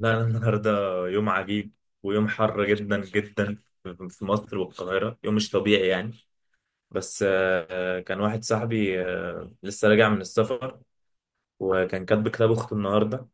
لا، أنا النهاردة يوم عجيب. ويوم حر جدا جدا في مصر والقاهرة، يوم مش طبيعي يعني. بس كان واحد صاحبي، لسه راجع من السفر، وكان كاتب كتاب أخته النهاردة.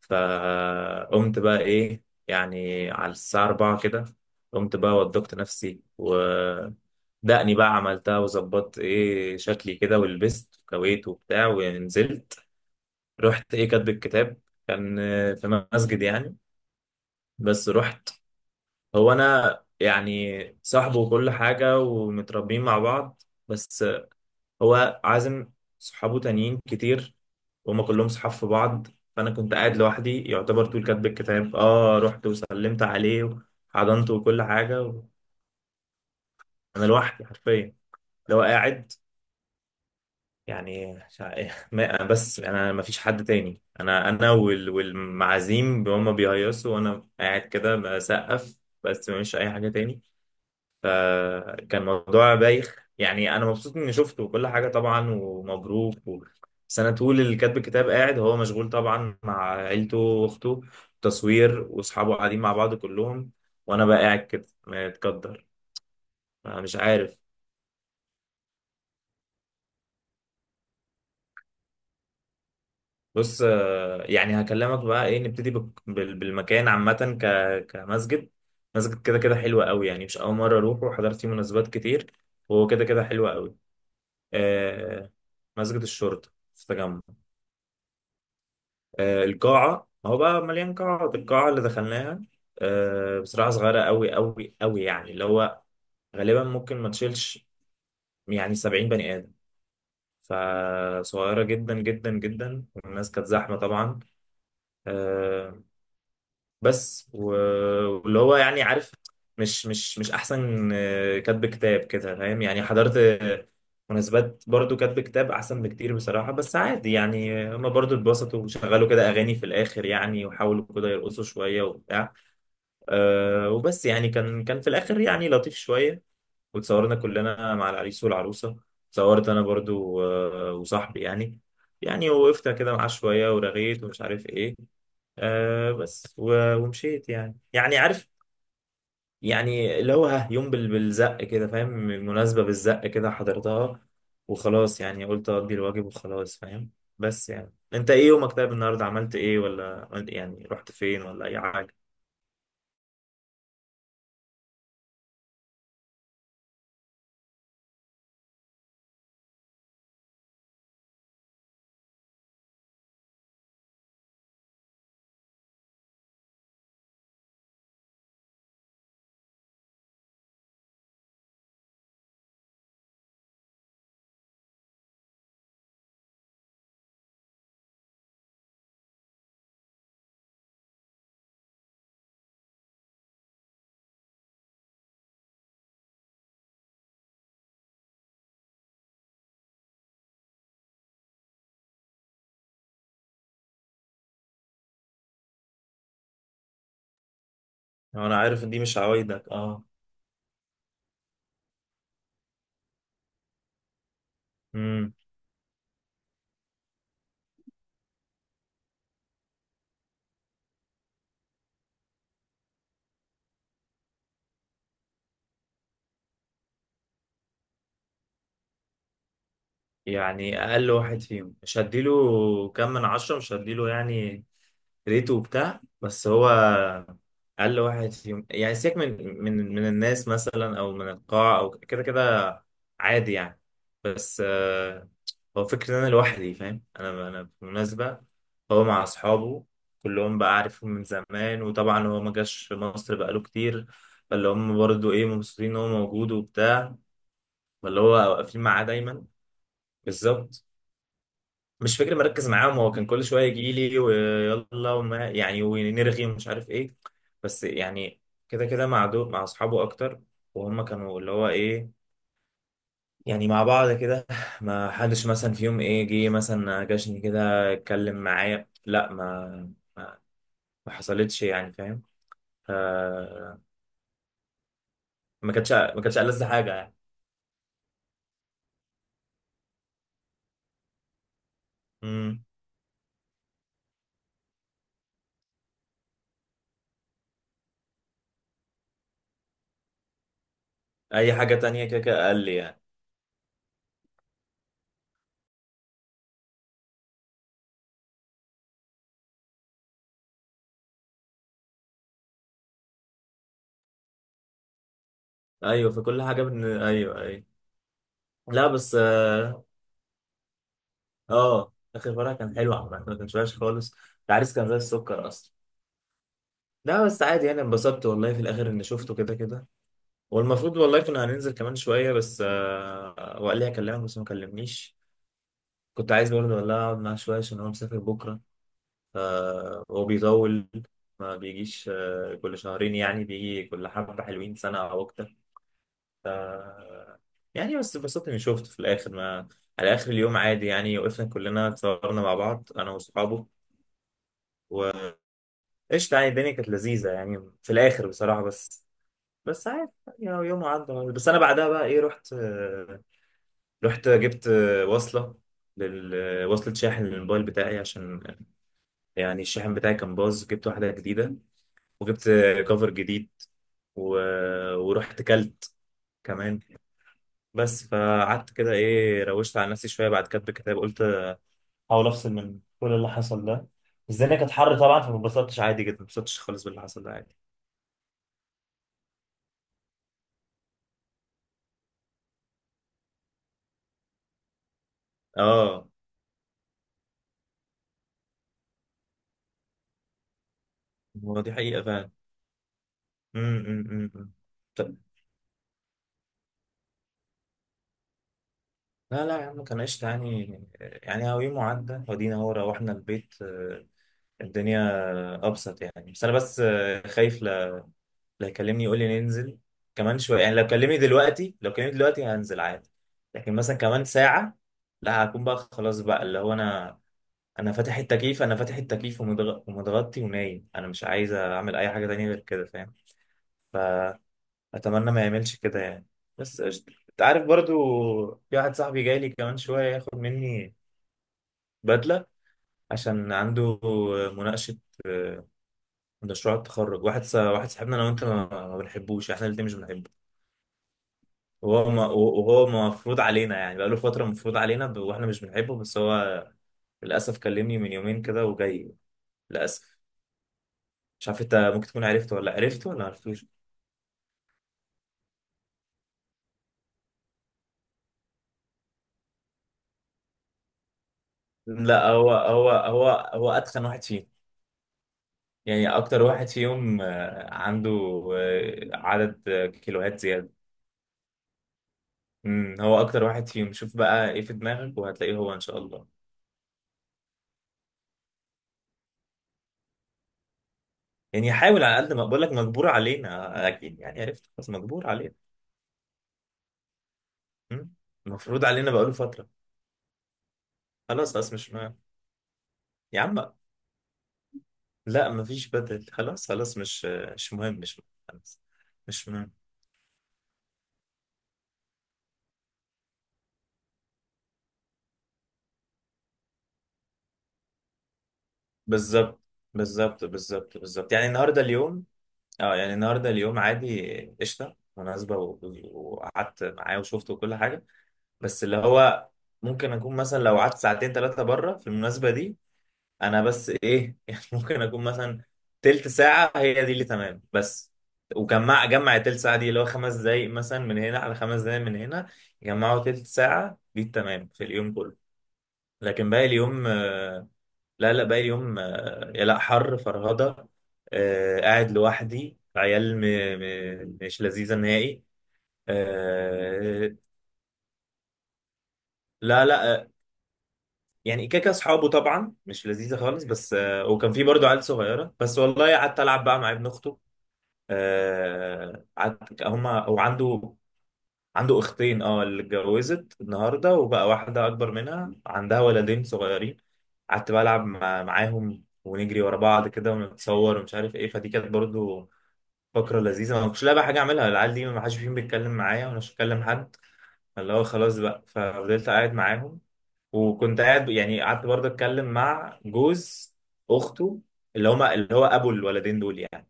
فقمت بقى إيه يعني على الساعة 4 كده. قمت بقى وضبت نفسي ودقني بقى عملتها وظبطت إيه شكلي كده ولبست وكويت وبتاع ونزلت. رحت إيه كاتب الكتاب. كان في مسجد يعني. بس رحت. هو انا يعني صاحبه وكل حاجه ومتربيين مع بعض، بس هو عازم صحابه تانيين كتير، وهم كلهم صحاب في بعض. فانا كنت قاعد لوحدي يعتبر طول كاتب الكتاب. اه رحت وسلمت عليه وحضنته وكل حاجه انا لوحدي حرفيا. لو قاعد يعني مش بس انا ما فيش حد تاني، انا والمعازيم هم بيهيصوا وانا قاعد كده بسقف. بس مفيش اي حاجه تاني. فكان موضوع بايخ، يعني انا مبسوط اني شفته وكل حاجه طبعا ومبروك بس انا طول اللي كاتب الكتاب قاعد هو مشغول طبعا مع عيلته واخته، تصوير، واصحابه قاعدين مع بعض كلهم. وانا بقى قاعد كده متقدر. أنا مش عارف. بص، يعني هكلمك بقى ايه. نبتدي بالمكان عامه كمسجد. مسجد كده كده حلو قوي يعني، مش اول مره اروحه، وحضرت فيه مناسبات كتير، وهو كده كده حلو قوي. آه، مسجد الشرطه في التجمع. القاعة، هو بقى مليان قاعات، القاعة اللي دخلناها بصراحة صغيرة أوي أوي أوي، يعني اللي هو غالبا ممكن ما تشيلش يعني 70 بني آدم. فصغيرة جدا جدا جدا، والناس كانت زحمة طبعا. آه، بس و- واللي هو يعني عارف، مش احسن كاتب كتاب كده فاهم. يعني حضرت مناسبات برضو كاتب كتاب احسن بكتير بصراحة. بس عادي يعني. هما برضو اتبسطوا وشغلوا كده اغاني في الاخر يعني، وحاولوا كده يرقصوا شوية وبتاع. وبس. يعني كان في الاخر يعني لطيف شوية. وتصورنا كلنا مع العريس والعروسة. اتصورت انا برضو وصاحبي يعني. يعني وقفت كده معاه شوية ورغيت ومش عارف ايه. ومشيت. يعني عارف، يعني اللي هو ها يوم بالزق كده فاهم، المناسبة بالزق كده حضرتها. وخلاص، يعني قلت أقضي الواجب وخلاص فاهم. بس يعني انت ايه يومك طيب؟ النهارده عملت ايه؟ ولا يعني رحت فين ولا اي حاجة؟ انا عارف ان دي مش عوايدك. اه امم. يعني اقل واحد فيهم مش هديله كام من 10، مش هديله يعني ريته وبتاع. بس هو اقل واحد فيهم، يعني سيبك من الناس مثلا، او من القاعة، او كده كده عادي يعني. بس هو فكرة ان انا لوحدي فاهم، انا بالمناسبة هو مع اصحابه كلهم بقى، عارفهم من زمان. وطبعا هو ما جاش مصر بقاله كتير، فاللي هم برضو ايه مبسوطين ان هو موجود وبتاع، فاللي هو واقفين معاه دايما. بالظبط. مش فاكر مركز معاهم. هو كان كل شويه يجي لي ويلا وما يعني ونرغي ومش عارف ايه. بس يعني كده كده مع دول، مع اصحابه اكتر، وهم كانوا اللي هو ايه يعني مع بعض كده. ما حدش مثلا في يوم ايه جه مثلا جاشني كده اتكلم معايا. لا ما, ما حصلتش يعني فاهم. ف- ما كانتش ألذ حاجه يعني. امم، اي حاجه تانية كده كده اقل يعني. ايوه، فكل حاجه ايوه، ايوه. لا بس، اه اخر مره كان حلو عامه، ما كانش وحش خالص. العريس كان زي السكر اصلا. لا بس عادي يعني، انبسطت والله في الاخر اني شفته كده كده. والمفروض والله كنا هننزل كمان شويه، بس وقال لي هكلمك بس ما كلمنيش. كنت عايز برضه والله اقعد معاه شويه عشان هو مسافر بكره. هو بيطول، ما بيجيش كل شهرين يعني، بيجي كل حبه حلوين سنه او اكتر. ف يعني بس انبسطت اني شفته في الاخر. ما على اخر اليوم عادي، يعني وقفنا كلنا اتصورنا مع بعض انا واصحابه. قشطة يعني، الدنيا كانت لذيذة يعني في الآخر بصراحة. بس بس عادي، يعني يوم عدى. بس أنا بعدها بقى إيه رحت، رحت جبت وصلة، وصلة شاحن للموبايل بتاعي، عشان يعني الشاحن بتاعي كان باظ، جبت واحدة جديدة، وجبت كفر جديد و... ورحت كلت كمان. بس فقعدت كده إيه روشت على نفسي شوية بعد كتب الكتاب، قلت أحاول أفصل من كل اللي حصل ده. بس الدنيا كانت حر طبعا فما اتبسطتش عادي جدا، ما اتبسطتش خالص باللي حصل ده عادي. اه هو دي حقيقة فعلا. أمم، أمم، أمم، أمم. طب، لا لا يا عم كان قشطة يعني. يعني هو يوم عدى ودينا، هو روحنا البيت، الدنيا أبسط يعني. بس أنا بس خايف لا لا يكلمني يقول لي ننزل كمان شوية. يعني لو كلمني دلوقتي، لو كلمني دلوقتي هنزل عادي. لكن مثلا كمان ساعة لا، هكون بقى خلاص بقى اللي هو، أنا أنا فاتح التكييف، أنا فاتح التكييف ومتغطي ونايم. أنا مش عايز أعمل أي حاجة تانية غير كده فاهم. اتمنى ما يعملش كده يعني. بس قشطة. انت عارف برضو، في واحد صاحبي جاي لي كمان شوية ياخد مني بدلة عشان عنده مناقشة، آه، مشروع التخرج. واحد واحد صاحبنا انا وانت ما بنحبوش، احنا الاتنين مش بنحبه. وهو ما وهو مفروض علينا يعني بقاله فترة مفروض علينا، واحنا مش بنحبه، بس هو للأسف كلمني من يومين كده وجاي. للأسف، مش عارف انت ممكن تكون عرفته ولا عرفته ولا معرفتوش. لا هو اتخن واحد فينا. يعني اكتر واحد فيهم عنده عدد كيلوهات زياده. امم، هو اكتر واحد فيهم. شوف بقى ايه في دماغك وهتلاقيه، هو ان شاء الله. يعني حاول على قد ما بقول لك، مجبور علينا. اكيد يعني عرفت خلاص. مجبور علينا. امم، مفروض علينا بقاله فتره. خلاص خلاص مش مهم. يا عم لا مفيش بدل، خلاص خلاص مش مش مهم، مش مهم خلاص. مش مهم. بالظبط بالظبط بالظبط بالظبط. يعني النهارده اليوم، اه يعني النهارده اليوم عادي، قشطه مناسبه وقعدت معاه وشفته وكل حاجه. بس اللي هو ممكن اكون مثلا لو قعدت ساعتين ثلاثه بره في المناسبه دي، انا بس ايه يعني ممكن اكون مثلا تلت ساعه هي دي اللي تمام. بس وجمع التلت ساعه دي اللي هو خمس دقايق مثلا من هنا على خمس دقايق من هنا، يجمعوا تلت ساعه دي التمام في اليوم كله. لكن باقي اليوم، لا لا باقي اليوم يا لا حر فرهضة. قاعد لوحدي عيال مش لذيذة نهائي. آه، لا لا يعني كاكا اصحابه طبعا، مش لذيذة خالص. بس وكان في برضو عيال صغيرة، بس والله قعدت العب بقى مع ابن اخته. قعدت هما هو عنده. عنده اختين، اللي اتجوزت النهارده، وبقى واحدة اكبر منها عندها ولدين صغيرين. قعدت بلعب معاهم ونجري ورا بعض كده ونتصور ومش عارف ايه، فدي كانت برضو فقرة لذيذة. ما كنتش لاقي بقى حاجة أعملها. العيال دي ما حدش فيهم بيتكلم معايا ولا بكلم حد، اللي هو خلاص بقى، ففضلت قاعد معاهم. وكنت قاعد يعني قعدت برضه أتكلم مع جوز أخته، اللي هما اللي هو أبو الولدين دول يعني.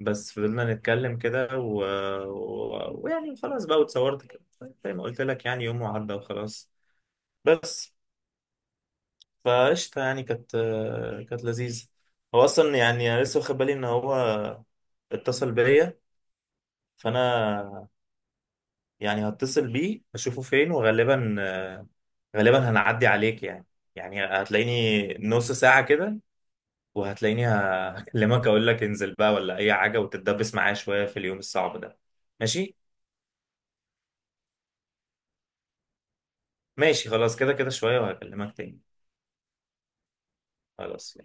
بس فضلنا نتكلم كده ويعني خلاص بقى واتصورت كده. زي ما قلت لك يعني يوم وعدى وخلاص. بس فقشطة يعني، كانت لذيذة. هو أصلا يعني أنا لسه واخد بالي إن هو اتصل بيا، فانا يعني هتصل بيه اشوفه فين، وغالبا غالبا هنعدي عليك يعني. يعني هتلاقيني نص ساعة كده، وهتلاقيني هكلمك اقول لك انزل بقى ولا اي حاجة، وتتدبس معايا شوية في اليوم الصعب ده. ماشي، ماشي خلاص. كده كده شوية وهكلمك تاني. خلاص.